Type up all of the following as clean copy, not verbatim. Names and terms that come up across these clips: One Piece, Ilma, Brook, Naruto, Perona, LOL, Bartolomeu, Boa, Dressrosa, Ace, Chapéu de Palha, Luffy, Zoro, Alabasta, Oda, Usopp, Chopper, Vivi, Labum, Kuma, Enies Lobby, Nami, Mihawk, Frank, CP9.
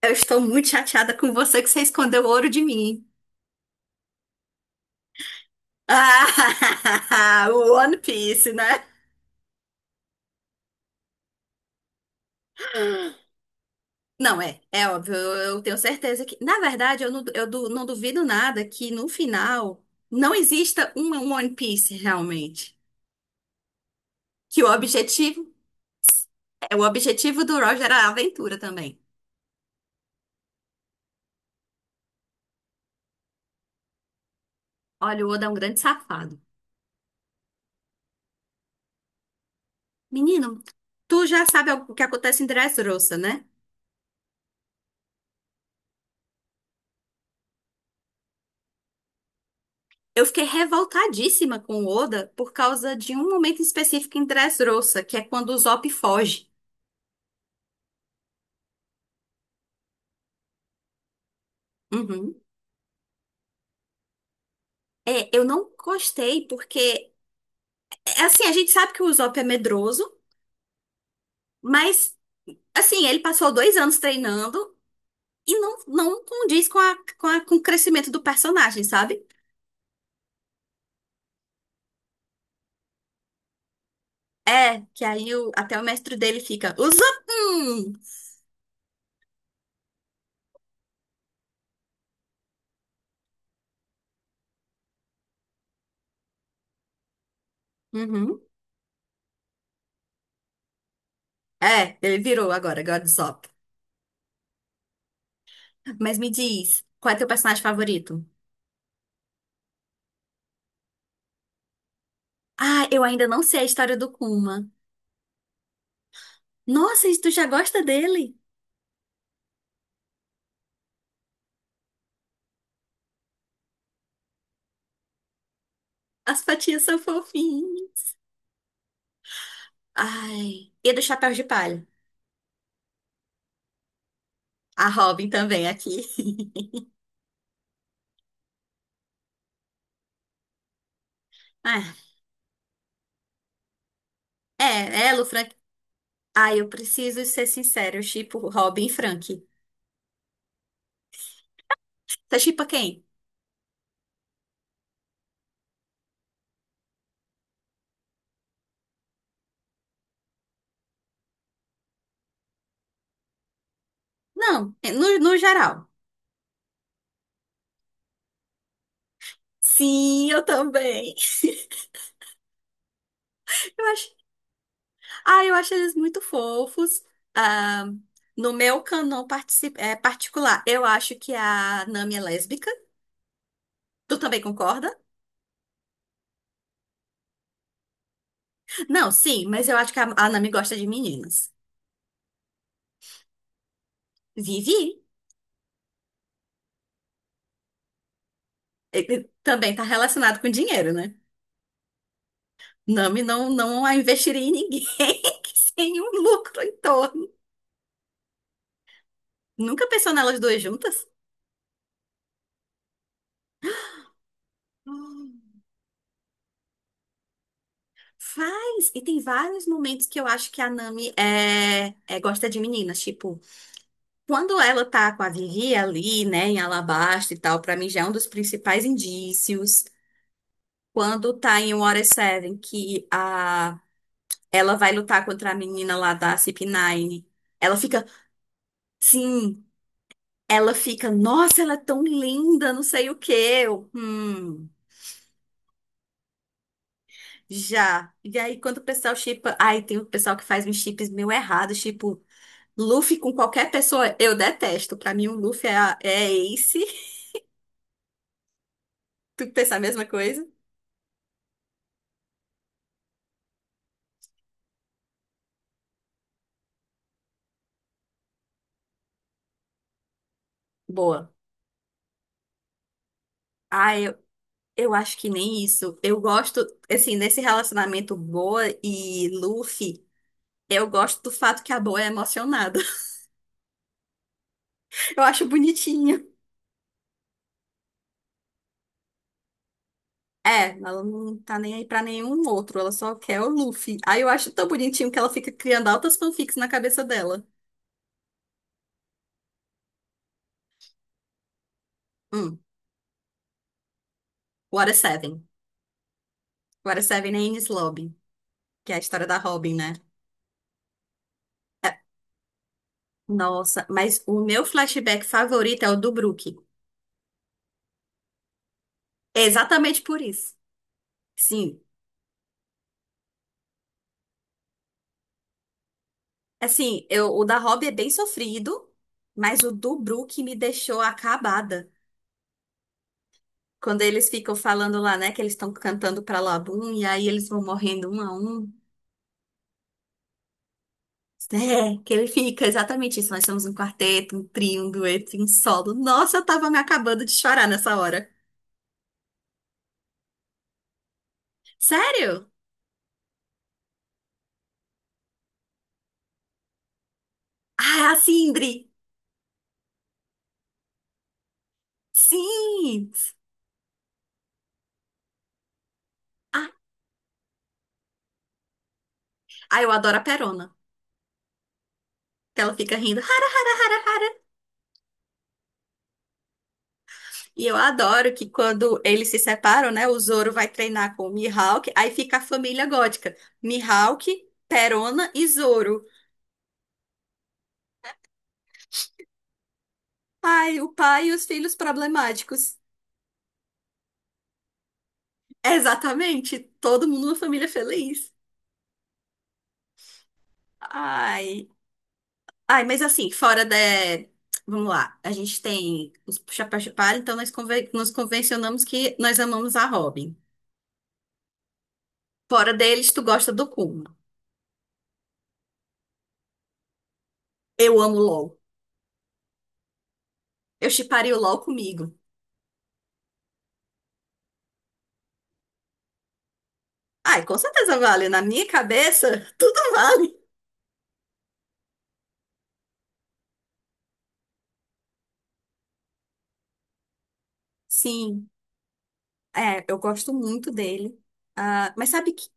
Eu estou muito chateada com você que você escondeu o ouro de mim. Ah, o One Piece, né? Não, é, é óbvio, eu tenho certeza que. Na verdade, eu não, não duvido nada que no final não exista um One Piece realmente. Que o objetivo, é, o objetivo do Roger era a aventura também. Olha, o Oda é um grande safado. Menino, tu já sabe o que acontece em Dressrosa, né? Eu fiquei revoltadíssima com o Oda por causa de um momento específico em Dressrosa, que é quando o Usopp foge. Uhum. É, eu não gostei porque, é, assim, a gente sabe que o Usopp é medroso, mas, assim, ele passou dois anos treinando e não, não condiz com, a, com, com o crescimento do personagem, sabe? É, que aí até o mestre dele fica, Usopp! hum." Uhum. É, ele virou agora, agora Usopp. Mas me diz, qual é teu personagem favorito? Ah, eu ainda não sei a história do Kuma. Nossa, e tu já gosta dele? As patinhas são fofinhas. Ai, e do Chapéu de Palha. A Robin também aqui. Ah, é, ela, o Frank. Ai, eu preciso ser sincero, eu shippo Robin e Frank. Você shippa quem? Não, no, no geral. Sim, eu também. Eu acho, ah, eu acho eles muito fofos. Ah, no meu canon é, particular, eu acho que é a Nami é lésbica. Tu também concorda? Não, sim, mas eu acho que a Nami gosta de meninas. Vivi ele também tá relacionado com dinheiro, né? Nami não, não a investiria em ninguém que sem um lucro em torno. Nunca pensou nelas duas juntas? Hum. Faz! E tem vários momentos que eu acho que a Nami é, gosta de meninas. Tipo, quando ela tá com a Vivi ali, né, em Alabasta e tal, pra mim já é um dos principais indícios. Quando tá em Water Seven, que a ela vai lutar contra a menina lá da CP9. Ela fica, sim, ela fica, nossa, ela é tão linda, não sei o quê. Eu, já. E aí, quando o pessoal shippa, ai, tem o pessoal que faz uns chips meio errados, tipo, Luffy com qualquer pessoa, eu detesto. Pra mim, o Luffy é, é Ace. Tu pensa a mesma coisa? Boa. Ah, eu acho que nem isso. Eu gosto, assim, nesse relacionamento Boa e Luffy, eu gosto do fato que a Boa é emocionada. Eu acho bonitinho. É, ela não tá nem aí pra nenhum outro, ela só quer o Luffy. Aí eu acho tão bonitinho que ela fica criando altas fanfics na cabeça dela. Hum, Water Seven. Water Seven é Enies Lobby, que é a história da Robin, né? É, nossa, mas o meu flashback favorito é o do Brook. É exatamente por isso. Sim, assim, eu, o da Robin é bem sofrido, mas o do Brook me deixou acabada. Quando eles ficam falando lá, né, que eles estão cantando pra Labum, e aí eles vão morrendo um a um. É, que ele fica exatamente isso. Nós somos um quarteto, um trio, um dueto, um solo. Nossa, eu tava me acabando de chorar nessa hora. Sério? Ah, a Sindri! Sim! Ah, ah, eu adoro a Perona, que ela fica rindo. Hara, hara, hara, hara. E eu adoro que quando eles se separam, né, o Zoro vai treinar com o Mihawk, aí fica a família gótica. Mihawk, Perona e Zoro. Ai, o pai e os filhos problemáticos. Exatamente, todo mundo uma família feliz. Ai. Ai, mas assim, fora da. Vamos lá, a gente tem os chapéus de palha, então nos convencionamos que nós amamos a Robin. Fora deles, tu gosta do Kuma. Eu amo o LOL. Eu shipparia o LOL comigo. Ai, com certeza vale. Na minha cabeça, tudo vale. Sim, é, eu gosto muito dele. Ah, mas sabe que.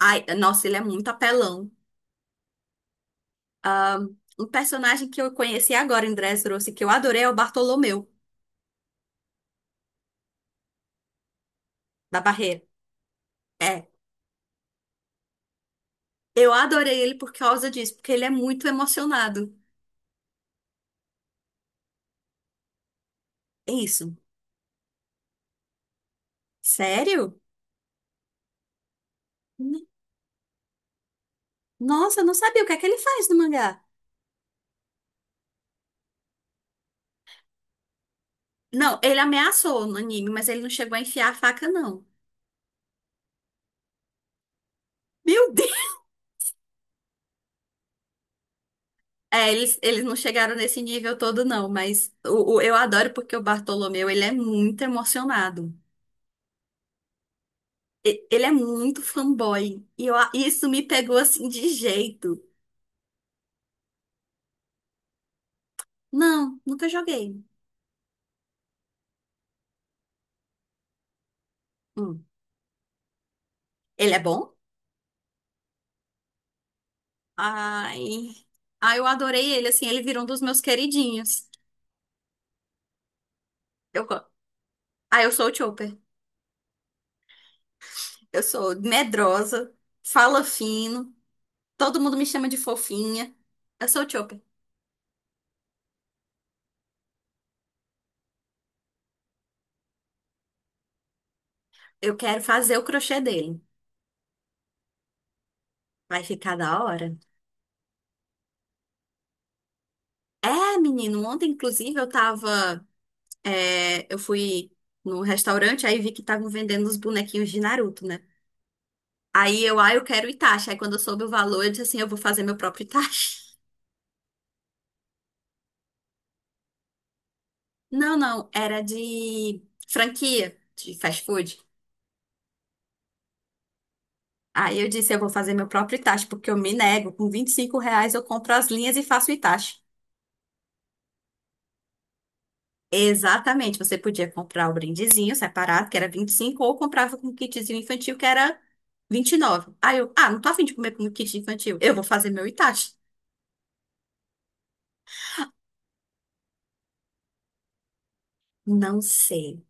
Ai, nossa, ele é muito apelão. Um personagem que eu conheci agora em Dressrosa e que eu adorei é o Bartolomeu, da Barreira. É. Eu adorei ele por causa disso, porque ele é muito emocionado. É isso. Sério? N- Nossa, eu não sabia o que é que ele faz no mangá. Não, ele ameaçou no anime, mas ele não chegou a enfiar a faca, não. Meu Deus! É, eles não chegaram nesse nível todo, não, mas o, eu adoro porque o Bartolomeu, ele é muito emocionado. Ele é muito fanboy. E eu isso me pegou assim de jeito. Não, nunca joguei. Hum. Ele é bom? Ai. Ai, eu adorei ele, assim, ele virou um dos meus queridinhos. Eu, go- ah, eu sou o Chopper. Eu sou medrosa, fala fino, todo mundo me chama de fofinha. Eu sou o Chopper. Eu quero fazer o crochê dele. Vai ficar da hora? É, menino, ontem, inclusive, eu fui no restaurante, aí vi que estavam vendendo os bonequinhos de Naruto, né? Aí eu, ah, eu quero Itachi. Aí quando eu soube o valor, eu disse assim: eu vou fazer meu próprio Itachi. Não, não, era de franquia de fast food. Aí eu disse, eu vou fazer meu próprio Itachi, porque eu me nego. Com R$ 25 eu compro as linhas e faço o Itachi. Exatamente, você podia comprar o brindezinho separado, que era 25 ou comprava com o kitzinho infantil, que era 29. Aí eu, ah, não tô afim de comer com o kit infantil, eu vou fazer meu Itachi. Não sei,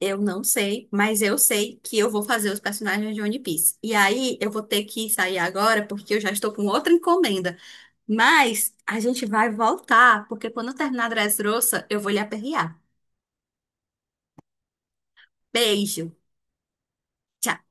eu não sei, mas eu sei que eu vou fazer os personagens de One Piece. E aí eu vou ter que sair agora, porque eu já estou com outra encomenda. Mas a gente vai voltar, porque quando eu terminar a Dressrosa, eu vou lhe aperrear. Beijo. Tchau.